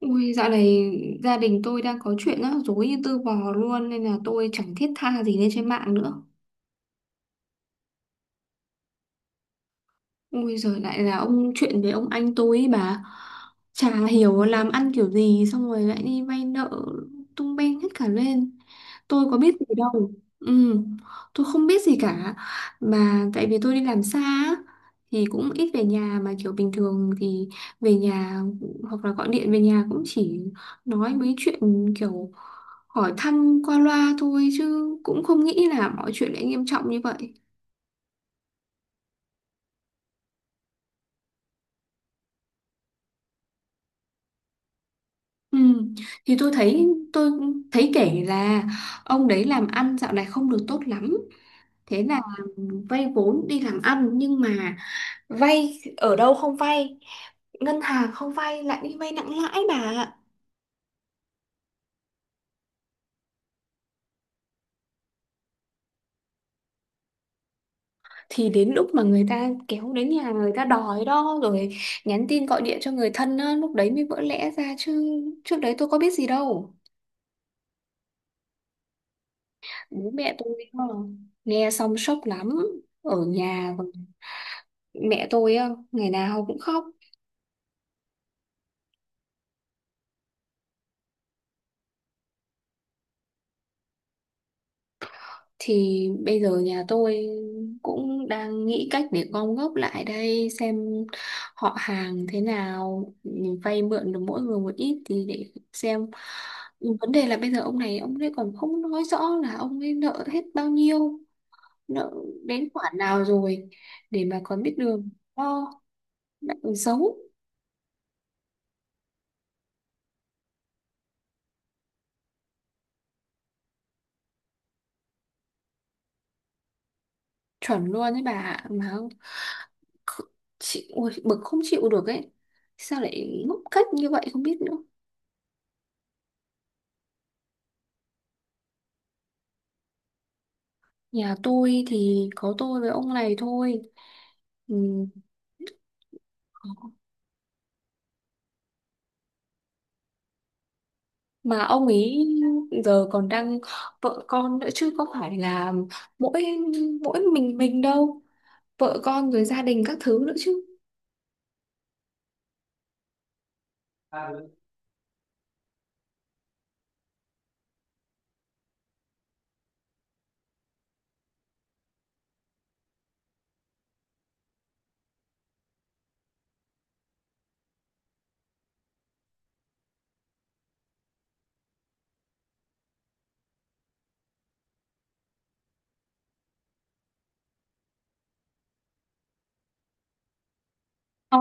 Ui, dạo này gia đình tôi đang có chuyện rắc rối như tư bò luôn nên là tôi chẳng thiết tha gì lên trên mạng nữa. Ui giời, lại là ông chuyện với ông anh tôi ấy bà. Chả hiểu làm ăn kiểu gì. Xong rồi lại đi vay nợ, tung beng hết cả lên. Tôi có biết gì đâu. Ừ, tôi không biết gì cả. Mà tại vì tôi đi làm xa á, thì cũng ít về nhà. Mà kiểu bình thường thì về nhà, hoặc là gọi điện về nhà cũng chỉ nói mấy chuyện kiểu hỏi thăm qua loa thôi, chứ cũng không nghĩ là mọi chuyện lại nghiêm trọng như vậy. Ừ. Thì tôi thấy tôi kể là ông đấy làm ăn dạo này không được tốt lắm, thế là vay vốn đi làm ăn, nhưng mà vay ở đâu không vay, ngân hàng không vay lại đi vay nặng lãi bà ạ. Thì đến lúc mà người ta kéo đến nhà, người ta đòi đó rồi nhắn tin gọi điện cho người thân á, lúc đấy mới vỡ lẽ ra chứ, trước đấy tôi có biết gì đâu. Bố mẹ tôi nghe xong sốc lắm. Ở nhà mẹ tôi á, ngày nào cũng khóc. Thì bây giờ nhà tôi cũng đang nghĩ cách để gom góp lại đây xem, họ hàng thế nào vay mượn được mỗi người một ít thì để xem. Nhưng vấn đề là bây giờ ông này ông ấy còn không nói rõ là ông ấy nợ hết bao nhiêu, nợ đến khoản nào rồi, để mà còn biết đường lo, lại còn xấu. Chuẩn luôn đấy bà ạ. Mà không- chị ôi, bực không chịu được ấy, sao lại ngốc cách như vậy không biết nữa. Nhà tôi thì có tôi với ông này thôi. Ừm, Mà ông ấy giờ còn đang vợ con nữa chứ, có phải là mỗi mỗi mình đâu. Vợ con rồi gia đình các thứ nữa chứ. Ờ,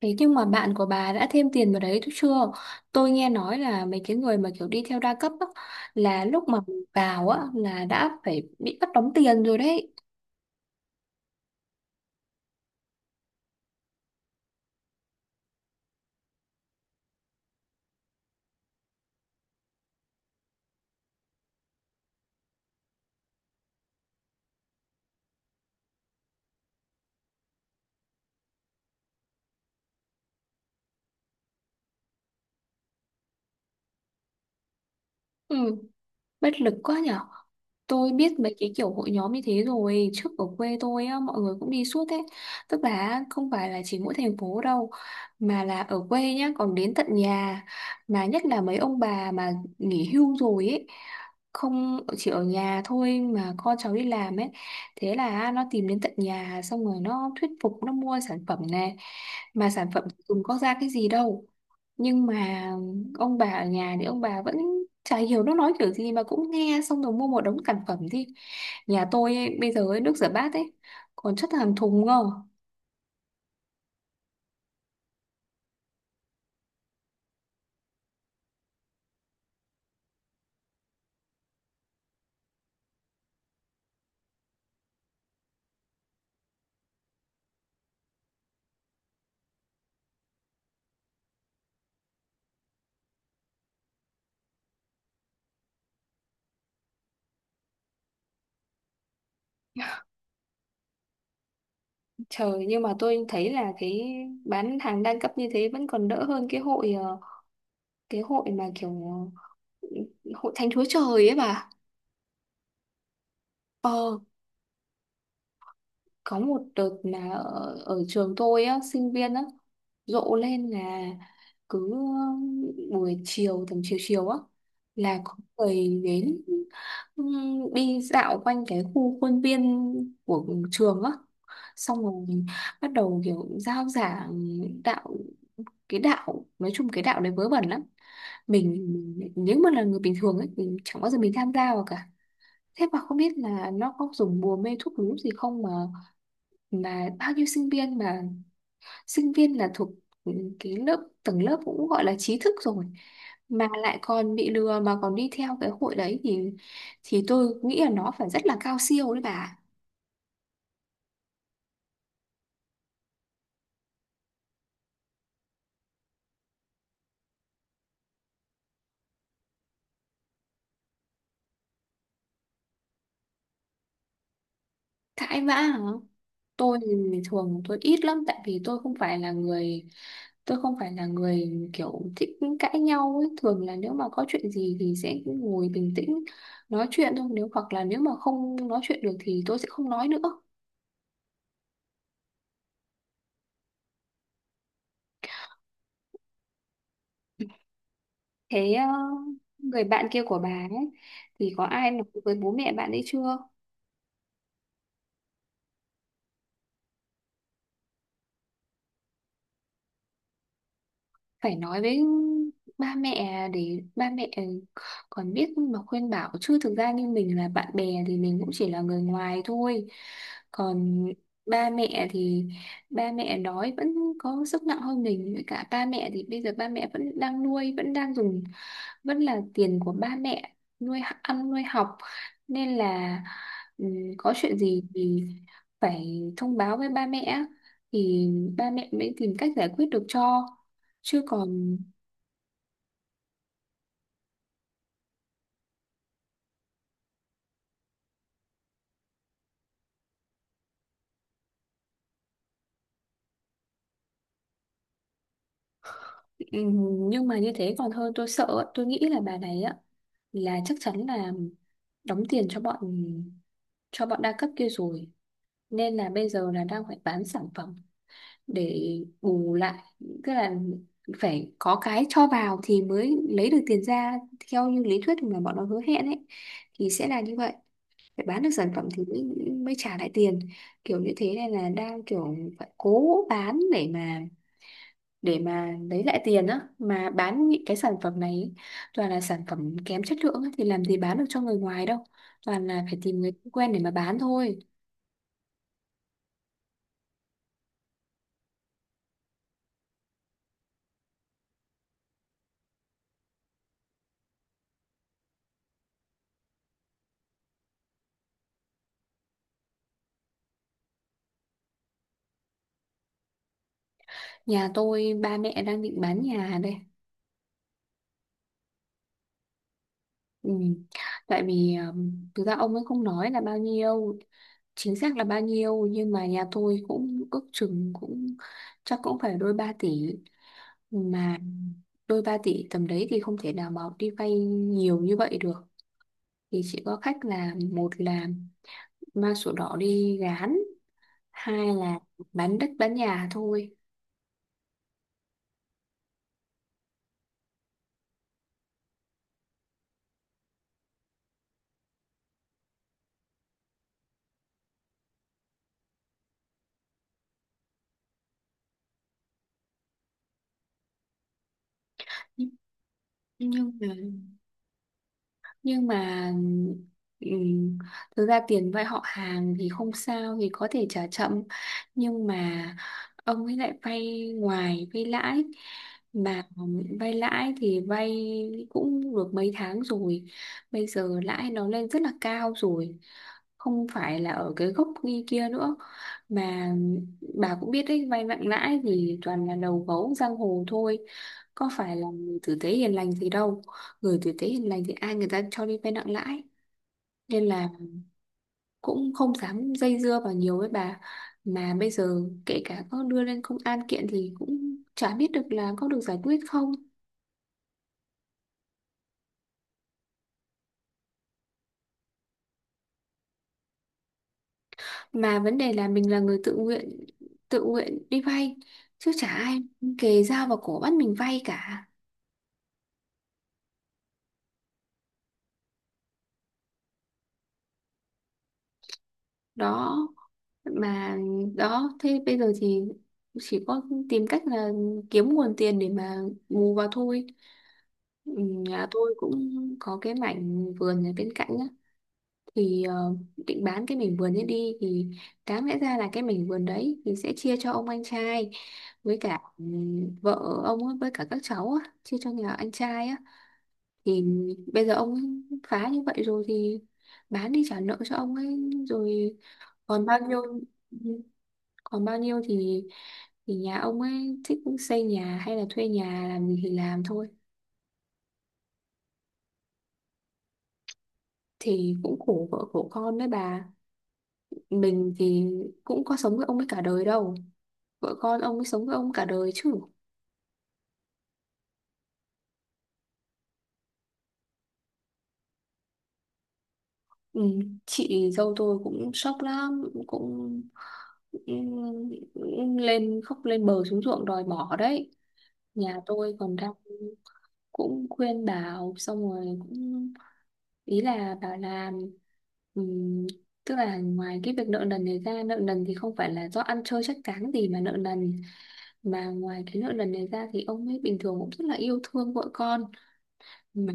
thế nhưng mà bạn của bà đã thêm tiền vào đấy chứ chưa? Tôi nghe nói là mấy cái người mà kiểu đi theo đa cấp á, là lúc mà vào á là đã phải bị bắt đóng tiền rồi đấy. Ừ, bất lực quá nhở. Tôi biết mấy cái kiểu hội nhóm như thế rồi, trước ở quê tôi á, mọi người cũng đi suốt ấy. Tức là không phải là chỉ mỗi thành phố đâu, mà là ở quê nhá, còn đến tận nhà. Mà nhất là mấy ông bà mà nghỉ hưu rồi ấy, không chỉ ở nhà thôi mà con cháu đi làm ấy, thế là nó tìm đến tận nhà xong rồi nó thuyết phục nó mua sản phẩm này, mà sản phẩm dùng có ra cái gì đâu. Nhưng mà ông bà ở nhà thì ông bà vẫn chả hiểu nó nói kiểu gì mà cũng nghe xong rồi mua một đống sản phẩm. Đi nhà tôi ấy, bây giờ ấy, nước rửa bát ấy còn chất hàng thùng ngờ. Trời, nhưng mà tôi thấy là cái bán hàng đa cấp như thế vẫn còn đỡ hơn cái hội, cái hội mà kiểu hội thánh Chúa Trời ấy bà. Ờ, có một đợt là ở trường tôi á, sinh viên á rộ lên là cứ buổi chiều tầm chiều chiều á là có người đến, đi dạo quanh cái khu khuôn viên của trường á, xong rồi bắt đầu kiểu giao giảng đạo. Cái đạo nói chung cái đạo đấy vớ vẩn lắm. Mình nếu mà là người bình thường ấy mình chẳng bao giờ mình tham gia vào cả. Thế mà không biết là nó có dùng bùa mê thuốc lú gì không, mà bao nhiêu sinh viên, mà sinh viên là thuộc ừ, cái lớp tầng lớp cũng gọi là trí thức rồi mà lại còn bị lừa mà còn đi theo cái hội đấy thì, tôi nghĩ là nó phải rất là cao siêu đấy bà. Cãi vã hả? Tôi thì thường tôi ít lắm, tại vì tôi không phải là người kiểu thích cãi nhau ấy. Thường là nếu mà có chuyện gì thì sẽ ngồi bình tĩnh nói chuyện thôi, hoặc là nếu mà không nói chuyện được thì tôi sẽ không nói nữa. Thế người bạn kia của bà ấy thì có ai nói với bố mẹ bạn ấy chưa? Phải nói với ba mẹ để ba mẹ còn biết mà khuyên bảo chứ, thực ra như mình là bạn bè thì mình cũng chỉ là người ngoài thôi. Còn ba mẹ thì ba mẹ nói vẫn có sức nặng hơn mình, với cả ba mẹ thì bây giờ ba mẹ vẫn đang nuôi, vẫn đang dùng vẫn là tiền của ba mẹ nuôi ăn nuôi học, nên là có chuyện gì thì phải thông báo với ba mẹ thì ba mẹ mới tìm cách giải quyết được cho, chứ còn. Nhưng mà như thế còn hơn tôi sợ ạ. Tôi nghĩ là bà này á là chắc chắn là đóng tiền cho bọn đa cấp kia rồi, nên là bây giờ là đang phải bán sản phẩm để bù lại. Tức là phải có cái cho vào thì mới lấy được tiền ra, theo như lý thuyết mà bọn nó hứa hẹn ấy thì sẽ là như vậy, phải bán được sản phẩm thì mới trả lại tiền. Kiểu như thế này là đang kiểu phải cố bán để mà lấy lại tiền á, mà bán những cái sản phẩm này ý, toàn là sản phẩm kém chất lượng á, thì làm gì bán được cho người ngoài đâu, toàn là phải tìm người quen để mà bán thôi. Nhà tôi ba mẹ đang định bán nhà đây. Ừ. Tại vì thực ra ông ấy không nói là bao nhiêu chính xác là bao nhiêu, nhưng mà nhà tôi cũng ước chừng cũng chắc cũng phải đôi 3 tỷ, mà đôi 3 tỷ tầm đấy thì không thể nào mà đi vay nhiều như vậy được, thì chỉ có cách là một là mang sổ đỏ đi gán, hai là bán đất bán nhà thôi. Nhưng nhưng mà nhưng mà ừm, thực ra tiền vay họ hàng thì không sao, thì có thể trả chậm, nhưng mà ông ấy lại vay ngoài vay lãi, mà vay lãi thì vay cũng được mấy tháng rồi, bây giờ lãi nó lên rất là cao rồi, không phải là ở cái gốc như kia nữa, mà bà cũng biết đấy vay nặng lãi thì toàn là đầu gấu giang hồ thôi, có phải là người tử tế hiền lành gì đâu, gửi tử tế hiền lành thì ai người ta cho đi vay nặng lãi, nên là cũng không dám dây dưa vào nhiều với bà, mà bây giờ kể cả có đưa lên công an kiện thì cũng chả biết được là có được giải quyết không, mà vấn đề là mình là người tự nguyện, tự nguyện đi vay, chứ chả ai kề dao vào cổ bắt mình vay cả. Đó mà đó thế bây giờ thì chỉ có tìm cách là kiếm nguồn tiền để mà bù vào thôi. Ừ, nhà tôi cũng có cái mảnh vườn ở bên cạnh á, thì định bán cái mảnh vườn ấy đi. Thì đáng lẽ ra là cái mảnh vườn đấy thì sẽ chia cho ông anh trai với cả vợ ông ấy, với cả các cháu á, chia cho nhà anh trai á. Thì bây giờ ông ấy phá như vậy rồi thì bán đi trả nợ cho ông ấy, rồi còn bao nhiêu ừ, còn bao nhiêu thì nhà ông ấy thích xây nhà hay là thuê nhà làm gì thì làm thôi. Thì cũng khổ vợ khổ con đấy bà, mình thì cũng có sống với ông ấy cả đời đâu, vợ con ông ấy sống với ông cả đời chứ. Ừ, chị dâu tôi cũng sốc lắm, cũng lên khóc lên bờ xuống ruộng đòi bỏ đấy. Nhà tôi còn đang cũng khuyên bảo xong rồi cũng, ý là bảo là ừm, tức là ngoài cái việc nợ nần này ra, nợ nần thì không phải là do ăn chơi chắc chắn gì mà nợ nần, mà ngoài cái nợ nần này ra thì ông ấy bình thường cũng rất là yêu thương vợ con, mà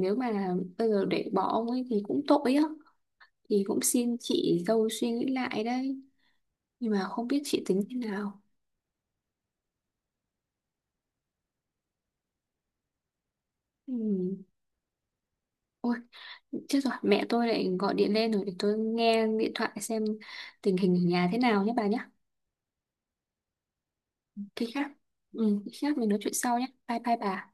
nếu mà bây giờ để bỏ ông ấy thì cũng tội á, thì cũng xin chị dâu suy nghĩ lại đấy, nhưng mà không biết chị tính thế nào. Ừ. Ôi chết rồi, mẹ tôi lại gọi điện lên rồi, để tôi nghe điện thoại xem tình hình ở nhà thế nào nhé bà nhé. Khi khác. Ừ, khi khác mình nói chuyện sau nhé, bye bye bà.